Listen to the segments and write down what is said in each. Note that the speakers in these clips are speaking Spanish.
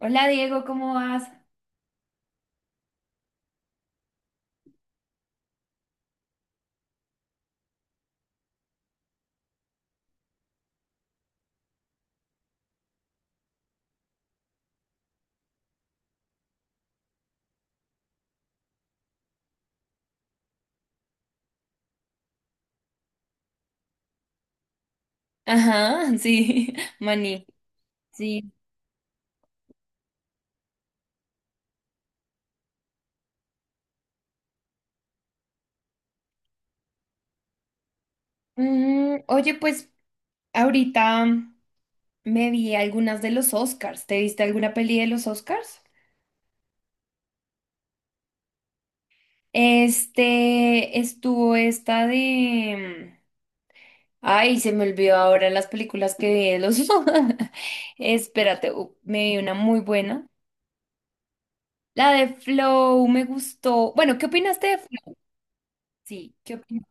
Hola Diego, ¿cómo vas? Ajá, sí, maní. Sí. Mm, oye, pues ahorita me vi algunas de los Oscars. ¿Te viste alguna peli de los Oscars? Estuvo esta de... Ay, se me olvidó ahora las películas que vi de los... Espérate, me vi una muy buena. La de Flow me gustó. Bueno, ¿qué opinaste de Flow? Sí, ¿qué opinas?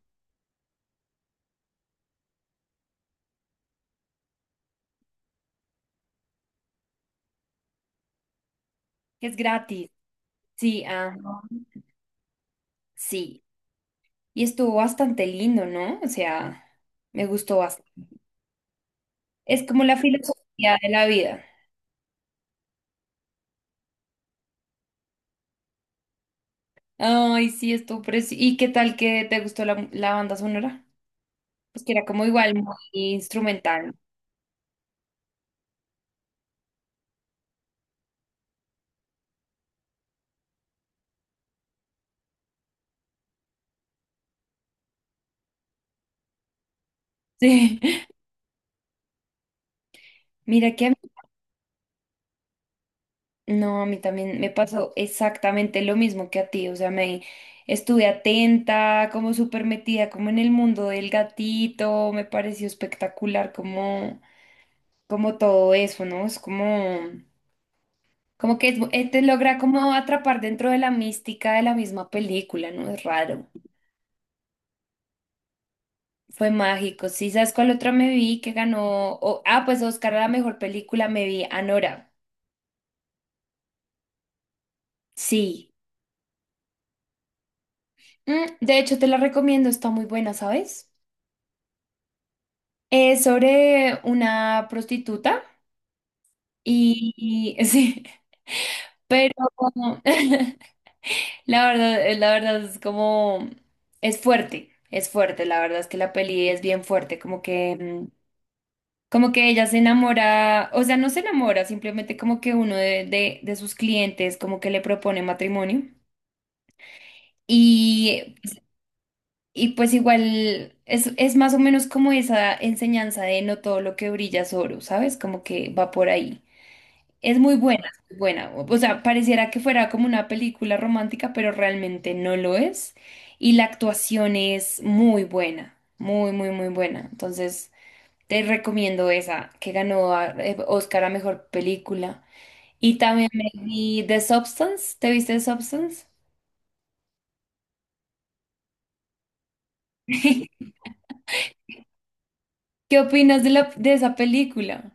Que es gratis. Sí, sí. Y estuvo bastante lindo, ¿no? O sea, me gustó bastante. Es como la filosofía de la vida. Ay, sí, estuvo precioso. ¿Y qué tal que te gustó la banda sonora? Pues que era como igual muy instrumental. Sí. Mira que a mí, no, a mí también me pasó exactamente lo mismo que a ti. O sea, me estuve atenta, como súper metida, como en el mundo del gatito. Me pareció espectacular como, como todo eso, ¿no? Es como. Como que te logra como atrapar dentro de la mística de la misma película, ¿no? Es raro. Fue mágico. Sí, ¿sabes cuál otra me vi que ganó? Pues Oscar a la mejor película me vi, Anora. Sí. Mm, de hecho, te la recomiendo, está muy buena, ¿sabes? Es sobre una prostituta y, sí, pero la verdad es como, es fuerte, la verdad es que la peli es bien fuerte, como que... como que ella se enamora, o sea, no se enamora, simplemente como que uno de sus clientes como que le propone matrimonio. Y, y pues igual es más o menos como esa enseñanza de no todo lo que brilla es oro, ¿sabes? Como que va por ahí. Es muy buena, es muy buena. O sea, pareciera que fuera como una película romántica, pero realmente no lo es. Y la actuación es muy buena, muy, muy, muy buena. Entonces... Te recomiendo esa, que ganó Oscar a mejor película. Y también me vi The Substance. ¿Te viste The Substance? ¿Qué opinas de de esa película?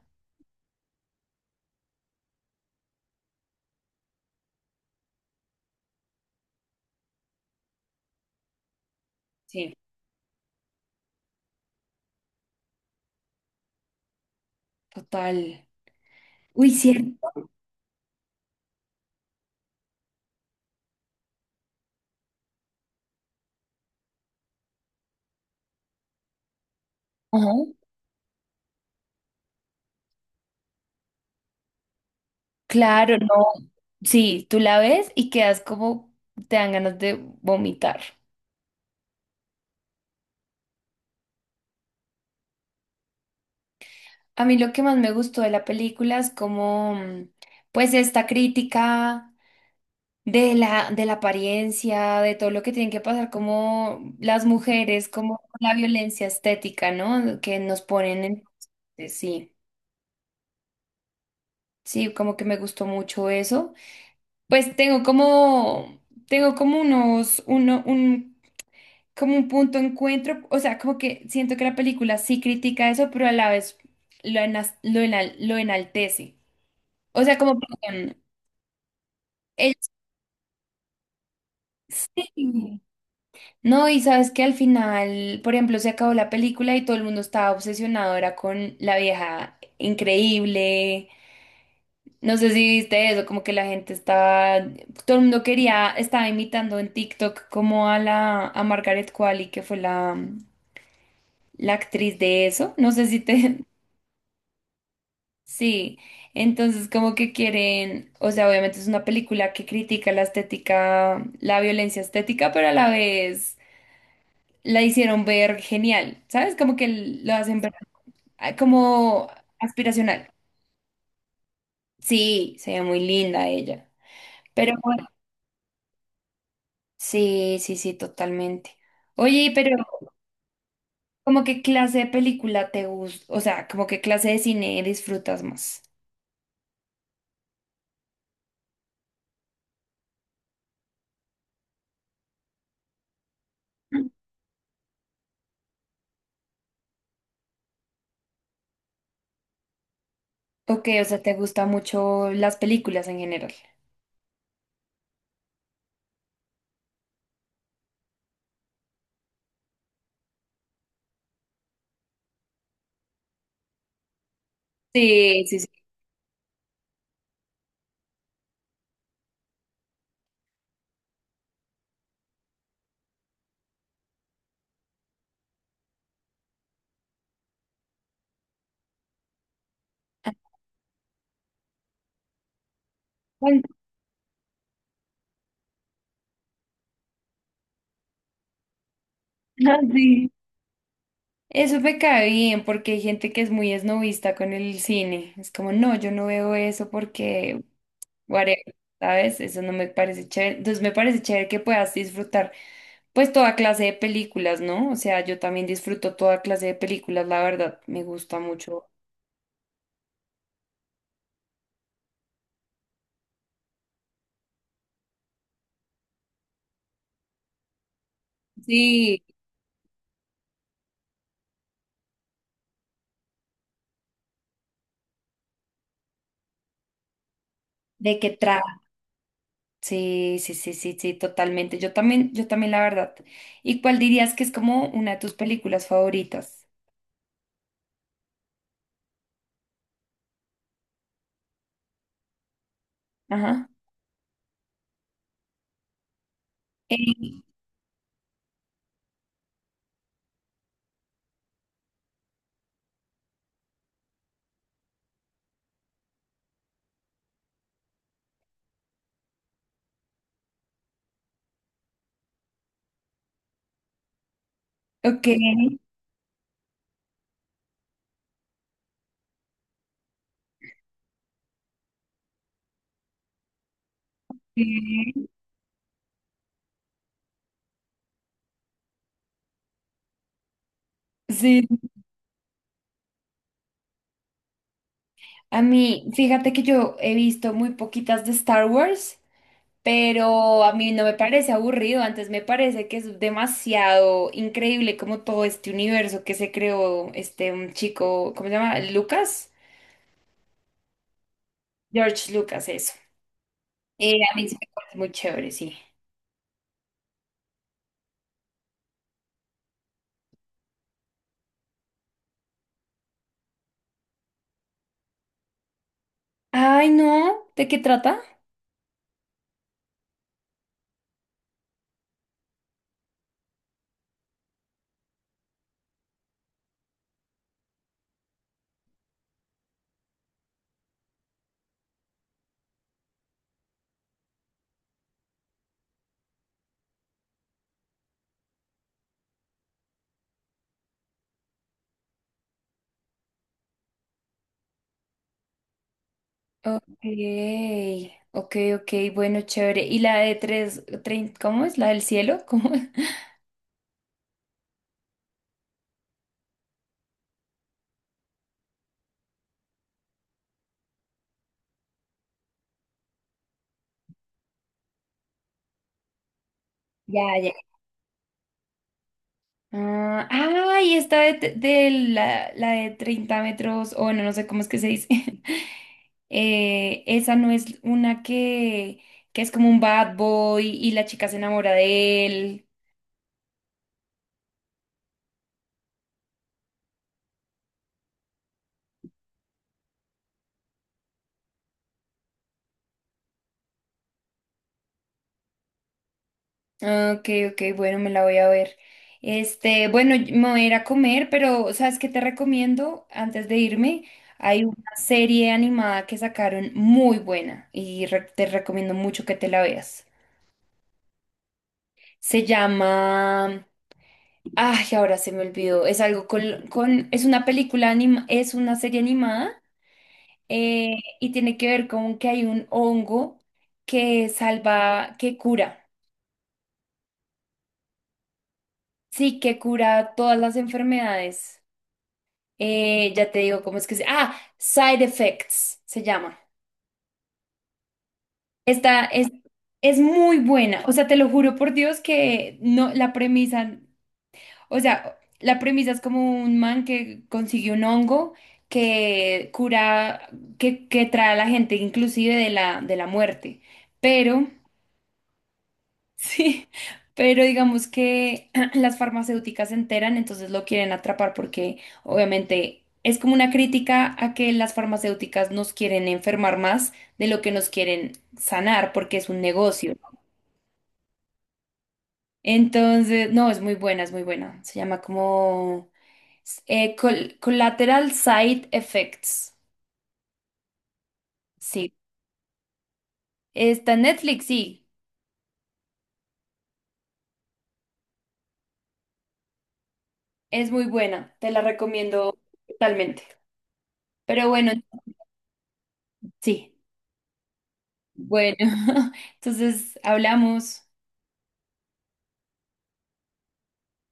Sí, total. Uy, cierto. Ajá. Claro, no. Sí, tú la ves y quedas como, te dan ganas de vomitar. A mí lo que más me gustó de la película es como, pues esta crítica de de la apariencia, de todo lo que tienen que pasar como las mujeres, como la violencia estética, ¿no? Que nos ponen en... Sí, sí, como que me gustó mucho eso. Pues tengo como como un punto de encuentro, o sea, como que siento que la película sí critica eso, pero a la vez lo enaltece. O sea, como, perdón, ella- sí. No, y sabes que al final, por ejemplo, se acabó la película y todo el mundo estaba obsesionado, era con la vieja increíble. No sé si viste eso, como que la gente estaba, todo el mundo quería, estaba imitando en TikTok como a a Margaret Qualley, que fue la actriz de eso. No sé si te, sí. Entonces, como que quieren, o sea, obviamente es una película que critica la estética, la violencia estética, pero a la vez la hicieron ver genial, ¿sabes? Como que lo hacen ver como aspiracional. Sí, se ve muy linda ella. Pero bueno, sí, sí, sí, totalmente. Oye, pero ¿como qué clase de película te gusta? O sea, ¿como qué clase de cine disfrutas más? Mm. Ok, o sea, ¿te gustan mucho las películas en general? Sí, sí, sí. Bueno, sí. Eso me cae bien porque hay gente que es muy esnovista con el cine. Es como, no, yo no veo eso porque whatever, ¿sabes? Eso no me parece chévere. Entonces me parece chévere que puedas disfrutar pues toda clase de películas, ¿no? O sea, yo también disfruto toda clase de películas, la verdad, me gusta mucho. Sí, ¿de qué trata? Sí, sí, sí, sí, sí, totalmente. Yo también, la verdad. ¿Y cuál dirías que es como una de tus películas favoritas? Ajá. Eh, ok. eh, Sí. A mí, fíjate que yo he visto muy poquitas de Star Wars. Pero a mí no me parece aburrido, antes me parece que es demasiado increíble como todo este universo que se creó este un chico, ¿cómo se llama? Lucas, George Lucas, eso. A mí sí me parece muy chévere, sí. Ay, no, ¿de qué trata? Ok, ok, ok, bueno, chévere. ¿Y la de cómo es? ¿La del cielo? ¿Cómo? es? Ya, ya. Ah, ay, esta de, la de 30 metros, o no, no sé cómo es que se dice. Esa no es una que es como un bad boy y la chica se enamora de él. Ah, ok, ok, bueno, me la voy a ver. Bueno, me voy a ir a comer, pero ¿sabes qué te recomiendo antes de irme? Hay una serie animada que sacaron muy buena y te recomiendo mucho que te la veas. Se llama Ay, ahora se me olvidó. Es algo con, es una película anima, es una serie animada y tiene que ver con que hay un hongo que salva, que cura. Sí, que cura todas las enfermedades. Ya te digo cómo es que se. Ah, Side Effects se llama. Esta es muy buena. O sea, te lo juro por Dios que no, la premisa. O sea, la premisa es como un man que consigue un hongo que cura, que trae a la gente inclusive de de la muerte. Pero, sí, pero digamos que las farmacéuticas se enteran, entonces lo quieren atrapar porque obviamente es como una crítica a que las farmacéuticas nos quieren enfermar más de lo que nos quieren sanar porque es un negocio. ¿No? Entonces, no, es muy buena, es muy buena. Se llama como... Collateral Side Effects. Sí. Está en Netflix, sí. Es muy buena. Te la recomiendo totalmente. Pero bueno, sí. Bueno, entonces hablamos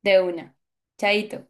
de una. Chaito.